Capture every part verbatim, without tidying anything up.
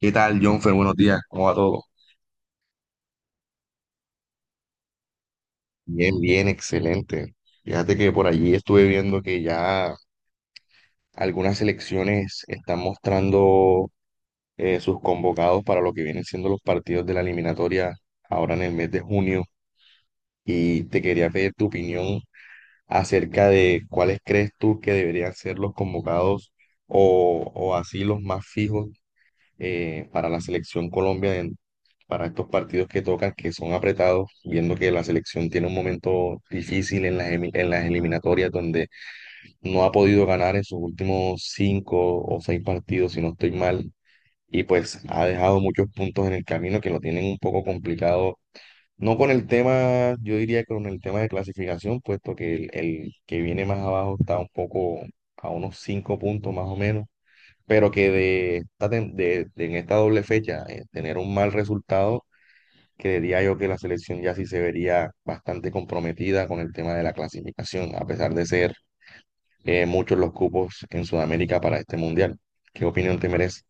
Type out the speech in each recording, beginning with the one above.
¿Qué tal, Jonfer? Buenos días, ¿cómo va todo? Bien, bien, excelente. Fíjate que por allí estuve viendo que ya algunas selecciones están mostrando eh, sus convocados para lo que vienen siendo los partidos de la eliminatoria ahora en el mes de junio, y te quería pedir tu opinión acerca de cuáles crees tú que deberían ser los convocados o, o así los más fijos, eh, para la selección Colombia en- para estos partidos que tocan, que son apretados, viendo que la selección tiene un momento difícil en las, emi- en las eliminatorias donde no ha podido ganar en sus últimos cinco o seis partidos, si no estoy mal, y pues ha dejado muchos puntos en el camino que lo tienen un poco complicado. No con el tema, yo diría que con el tema de clasificación, puesto que el, el que viene más abajo está un poco a unos cinco puntos más o menos, pero que de, esta tem- de- de en esta doble fecha, eh, tener un mal resultado, creería yo que la selección ya sí se vería bastante comprometida con el tema de la clasificación, a pesar de ser, eh, muchos los cupos en Sudamérica para este mundial. ¿Qué opinión te merece?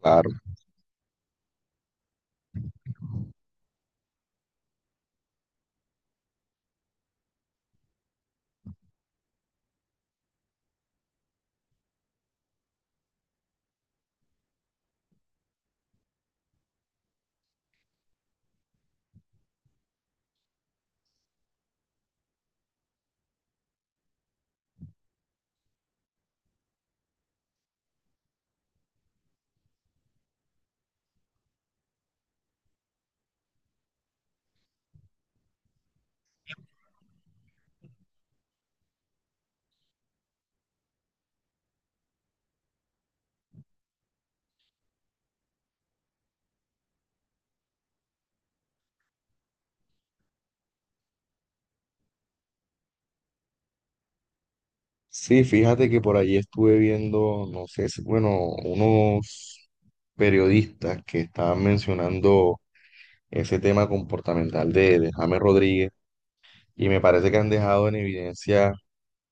Claro. Sí, fíjate que por allí estuve viendo, no sé si, bueno, unos periodistas que estaban mencionando ese tema comportamental de, de James Rodríguez, y me parece que han dejado en evidencia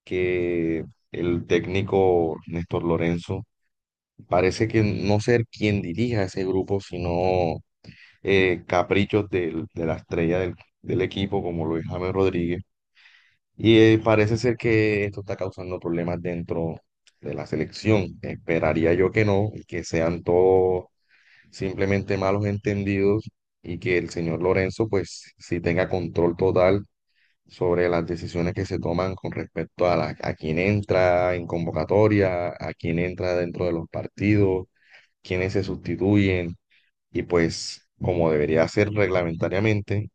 que el técnico Néstor Lorenzo parece que no ser quien dirija ese grupo, sino eh, caprichos del- de la estrella del, del equipo, como lo es James Rodríguez. Y eh, parece ser que esto está causando problemas dentro de la selección. Esperaría yo que no, y que sean todos simplemente malos entendidos, y que el señor Lorenzo pues sí tenga control total sobre las decisiones que se toman con respecto a, la, a quién entra en convocatoria, a quién entra dentro de los partidos, quiénes se sustituyen, y pues como debería ser reglamentariamente,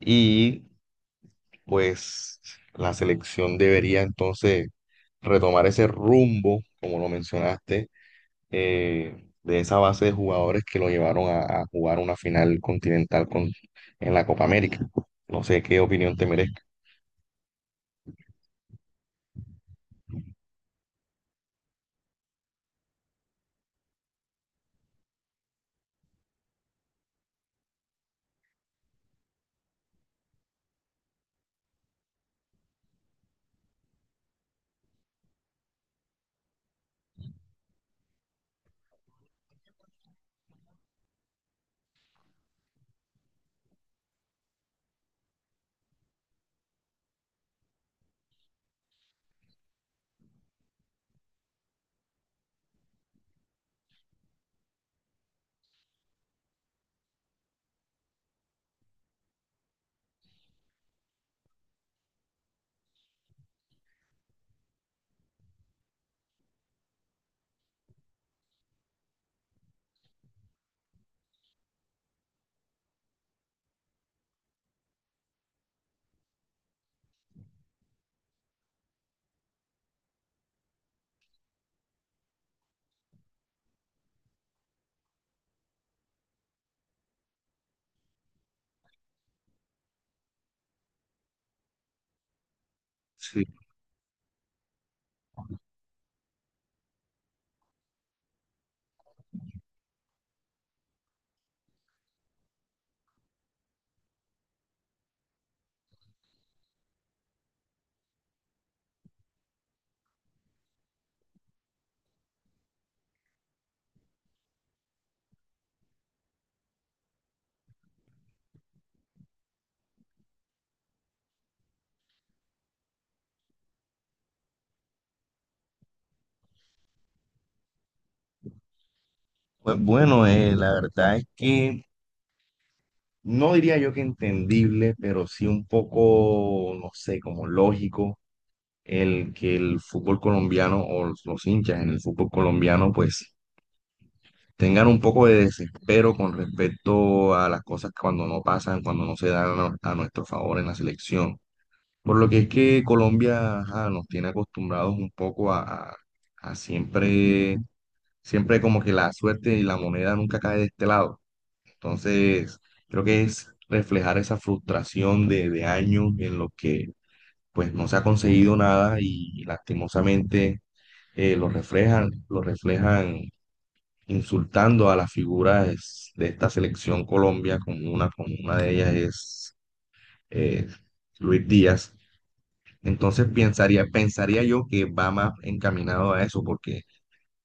y pues la selección debería entonces retomar ese rumbo, como lo mencionaste, eh, de esa base de jugadores que lo llevaron a, a jugar una final continental con, en la Copa América. No sé qué opinión te merezca. Pues bueno, eh, la verdad es que no diría yo que entendible, pero sí un poco, no sé, como lógico el que el fútbol colombiano o los los hinchas en el fútbol colombiano pues tengan un poco de desespero con respecto a las cosas que cuando no pasan, cuando no se dan a, a nuestro favor en la selección. Por lo que es que Colombia, ajá, nos tiene acostumbrados un poco a, a a siempre, siempre como que la suerte y la moneda nunca cae de este lado. Entonces, creo que es reflejar esa frustración de, de años en los que pues no se ha conseguido nada, y lastimosamente, eh, lo reflejan, lo reflejan insultando a las figuras de esta selección Colombia, como una, como una de ellas es eh, Luis Díaz. Entonces pensaría, pensaría yo que va más encaminado a eso, porque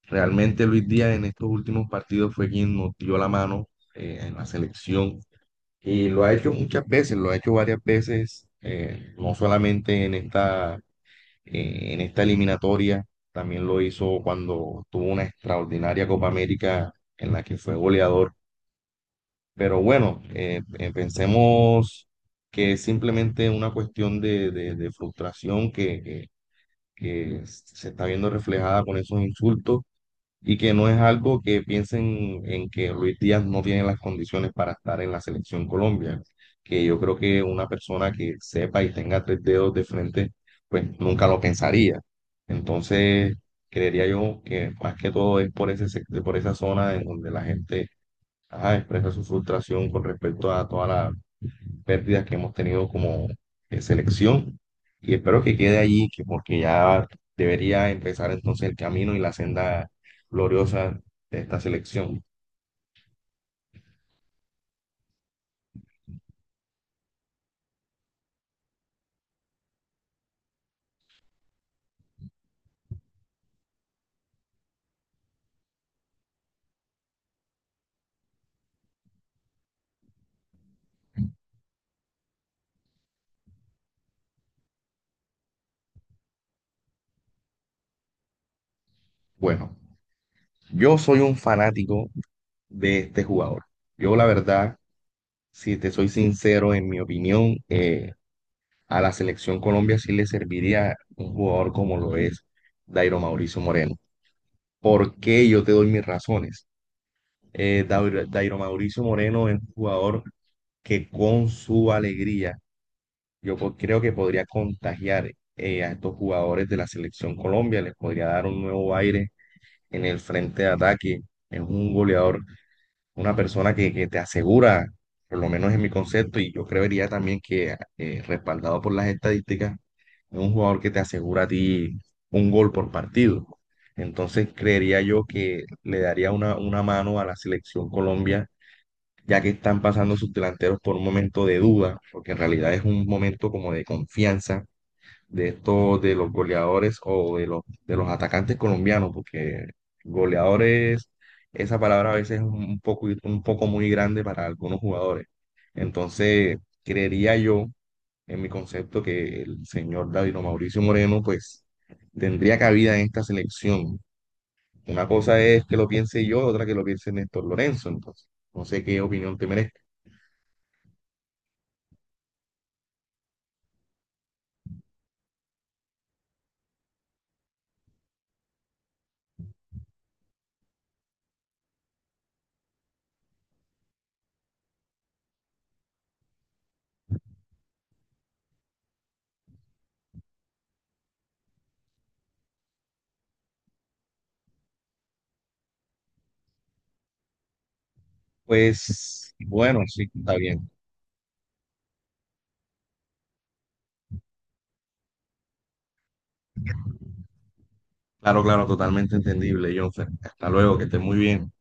realmente Luis Díaz en estos últimos partidos fue quien nos dio la mano, eh, en la selección. Y lo ha hecho muchas veces, lo ha hecho varias veces, eh, no solamente en esta, eh, en esta eliminatoria, también lo hizo cuando tuvo una extraordinaria Copa América en la que fue goleador. Pero bueno, eh, eh, pensemos que es simplemente una cuestión de, de- de frustración que, que- que se está viendo reflejada con esos insultos, y que no es algo que piensen en que Luis Díaz no tiene las condiciones para estar en la selección Colombia, que yo creo que una persona que sepa y tenga tres dedos de frente, pues nunca lo pensaría. Entonces, creería yo que más que todo es por ese, sec- por esa zona en donde la gente, ajá, expresa su frustración con respecto a toda la pérdidas que hemos tenido como, eh, selección, y espero que quede allí, que porque ya debería empezar entonces el camino y la senda gloriosa de esta selección. Bueno, yo soy un fanático de este jugador. Yo la verdad, si te soy sincero, en mi opinión, eh, a la selección Colombia sí le serviría un jugador como lo es Dairo Mauricio Moreno. ¿Por qué yo te doy mis razones? Eh, Dairo Dairo Mauricio Moreno es un jugador que con su alegría yo po- creo que podría contagiar, eh, a estos jugadores de la selección Colombia, les podría dar un nuevo aire en el frente de ataque. Es un goleador, una persona que, que te asegura, por lo menos en mi concepto, y yo creería también que, eh, respaldado por las estadísticas, es un jugador que te asegura a ti un gol por partido. Entonces creería yo que le daría una, una mano a la selección Colombia, ya que están pasando sus delanteros por un momento de duda, porque en realidad es un momento como de confianza de estos, de los goleadores o de los, de los atacantes colombianos, porque goleadores, esa palabra a veces es un poco, un poco muy grande para algunos jugadores. Entonces, creería yo, en mi concepto, que el señor David o Mauricio Moreno, pues, tendría cabida en esta selección. Una cosa es que lo piense yo, otra que lo piense Néstor Lorenzo, entonces. No sé qué opinión te merece. Pues bueno, sí, está bien. Claro, claro, totalmente entendible, Jonfer. Hasta luego, que esté muy bien.